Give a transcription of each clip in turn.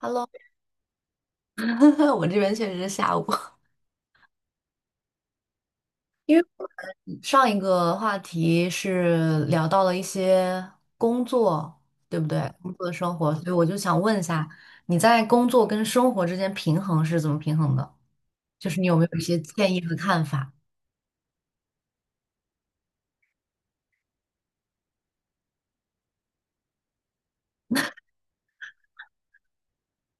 Hello，我这边确实是下午。上一个话题是聊到了一些工作，对不对？工作的生活，所以我就想问一下，你在工作跟生活之间平衡是怎么平衡的？就是你有没有一些建议和看法？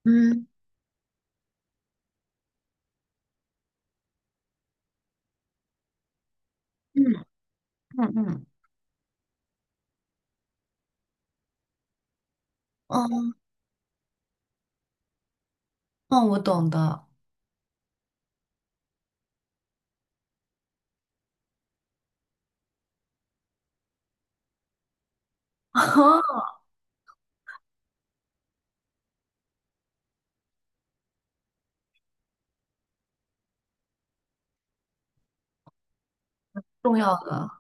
嗯嗯嗯嗯，嗯嗯，我懂的，重要的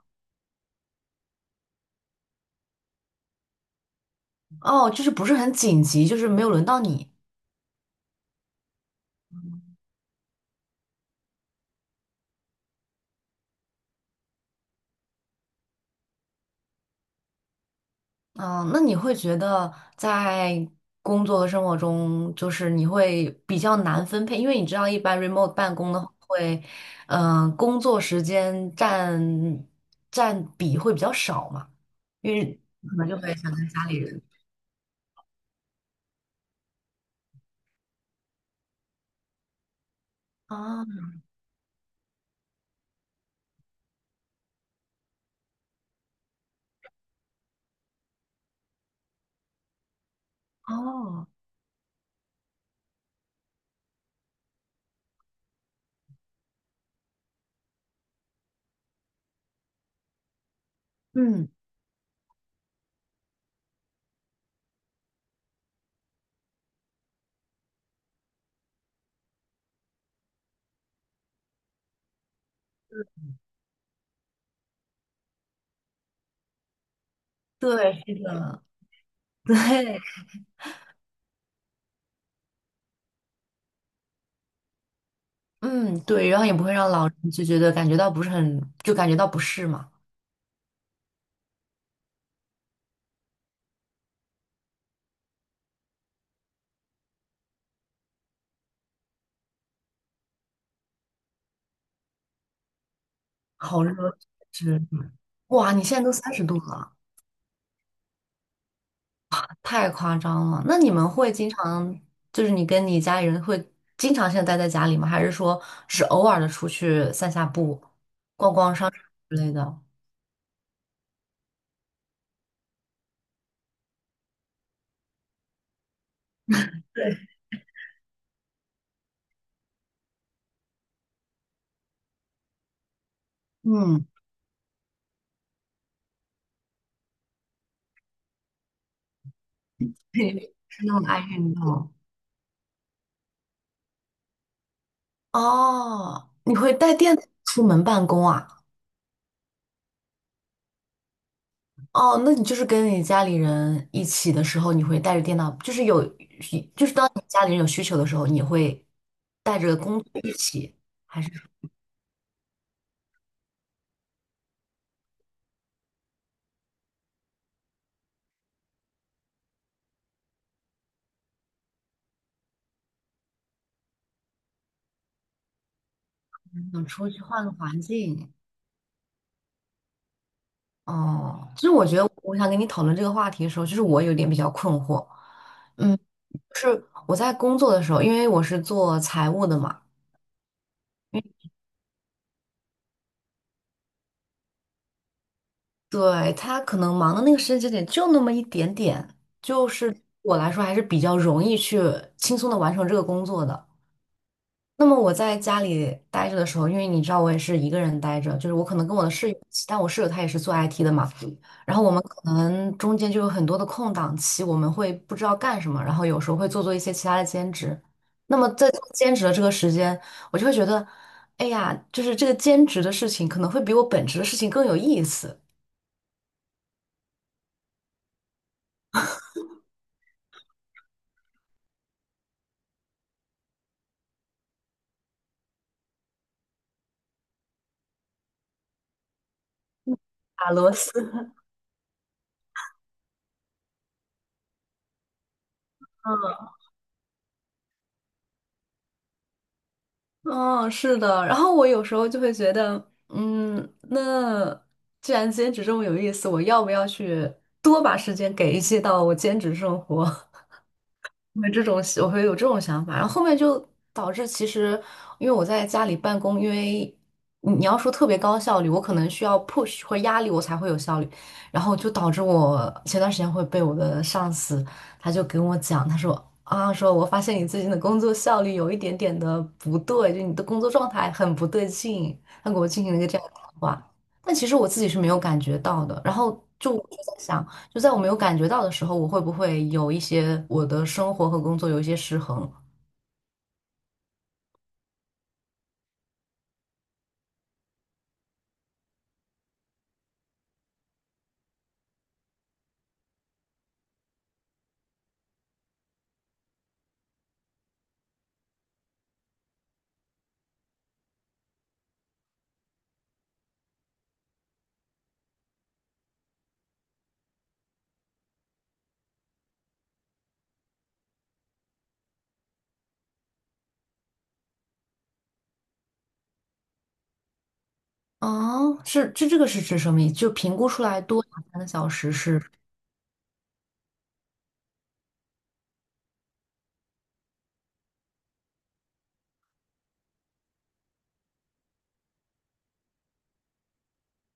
哦，就是不是很紧急，就是没有轮到你。嗯，那你会觉得在工作和生活中，就是你会比较难分配，因为你知道，一般 remote 办公的话会，嗯、工作时间占比会比较少嘛，因为可能就会想跟家里人啊，哦，嗯，对，是的，对，嗯，对，然后也不会让老人就觉得感觉到不是很，就感觉到不适嘛，好热，是，哇，你现在都30度了。太夸张了。那你们会经常，就是你跟你家里人会经常性地待在家里吗？还是说只偶尔的出去散下步、逛逛商场之类的？对，嗯，是那么爱运动哦？你会带电脑出门办公啊？哦，那你就是跟你家里人一起的时候，你会带着电脑，就是有，就是当你家里人有需求的时候，你会带着工具一起，还是说想出去换个环境？哦，其实我觉得我想跟你讨论这个话题的时候，就是我有点比较困惑。嗯，我在工作的时候，因为我是做财务的嘛，对，他可能忙的那个时间节点就那么一点点，就是我来说还是比较容易去轻松的完成这个工作的。那么我在家里待着的时候，因为你知道我也是一个人待着，就是我可能跟我的室友一起，但我室友他也是做 IT 的嘛，然后我们可能中间就有很多的空档期，我们会不知道干什么，然后有时候会做一些其他的兼职。那么在做兼职的这个时间，我就会觉得，哎呀，就是这个兼职的事情可能会比我本职的事情更有意思。打螺丝。嗯，是的。然后我有时候就会觉得，嗯，那既然兼职这么有意思，我要不要去多把时间给一些到我兼职生活？会这种，我会有这种想法，然后后面就导致其实，因为我在家里办公，因为你要说特别高效率，我可能需要 push 或压力我才会有效率，然后就导致我前段时间会被我的上司，他就跟我讲，他说啊，说我发现你最近的工作效率有一点点的不对，就你的工作状态很不对劲，他给我进行了一个这样的谈话，但其实我自己是没有感觉到的，然后我就在想。就在我没有感觉到的时候，我会不会有一些我的生活和工作有一些失衡？哦，是，这个是指什么意思？就评估出来多两三个小时是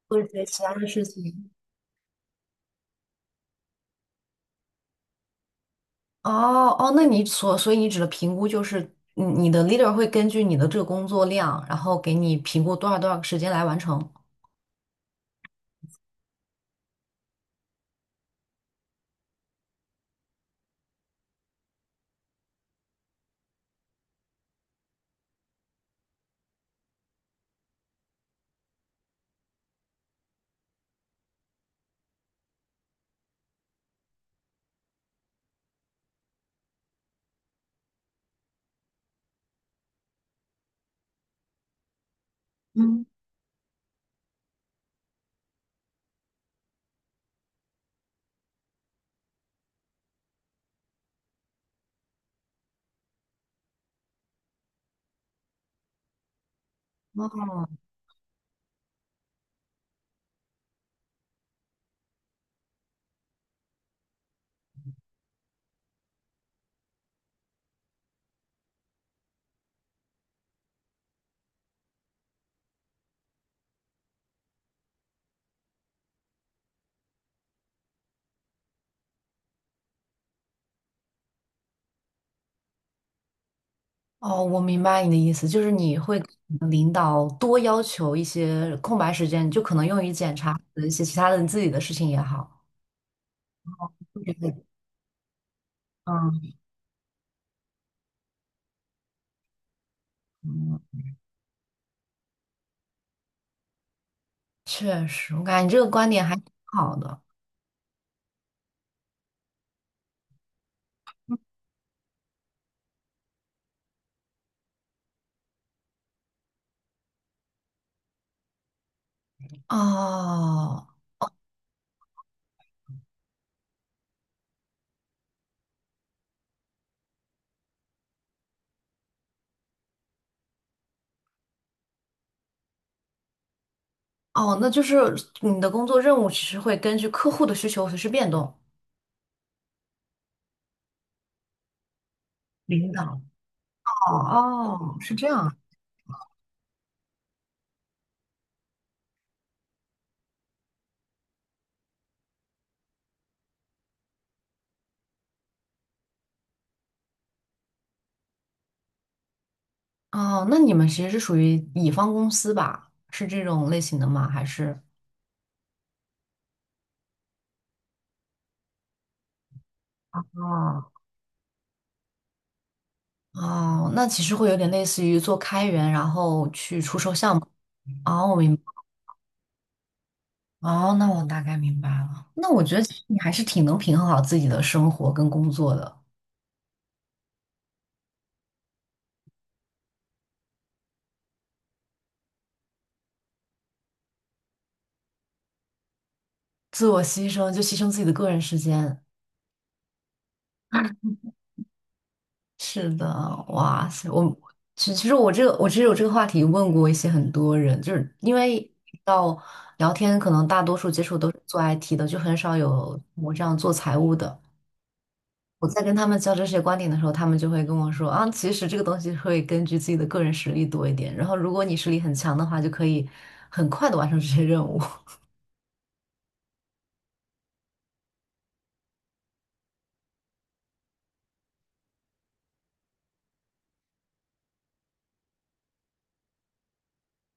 做一些其他的事情。哦哦，那所以你指的评估就是你的 leader 会根据你的这个工作量，然后给你评估多少多少个时间来完成。嗯，哦，我明白你的意思，就是你会跟你的领导多要求一些空白时间，就可能用于检查一些其他的你自己的事情也好。嗯。嗯，确实，我感觉你这个观点还挺好的。哦哦，那就是你的工作任务其实会根据客户的需求随时变动。领导，哦哦，是这样。哦，那你们其实是属于乙方公司吧？是这种类型的吗？还是？哦哦，那其实会有点类似于做开源，然后去出售项目。哦，我明白。哦，那我大概明白了。那我觉得其实你还是挺能平衡好自己的生活跟工作的。自我牺牲，就牺牲自己的个人时间。是的，哇塞，我其实有这个话题问过一些很多人，就是因为到聊天，可能大多数接触都是做 IT 的，就很少有我这样做财务的。我在跟他们交流这些观点的时候，他们就会跟我说啊，其实这个东西会根据自己的个人实力多一点，然后如果你实力很强的话，就可以很快的完成这些任务。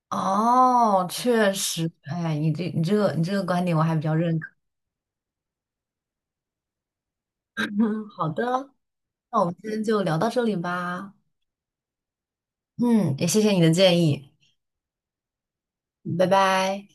哦，确实，哎，你这个观点我还比较认可。好的。那我们今天就聊到这里吧。嗯，也谢谢你的建议，拜拜。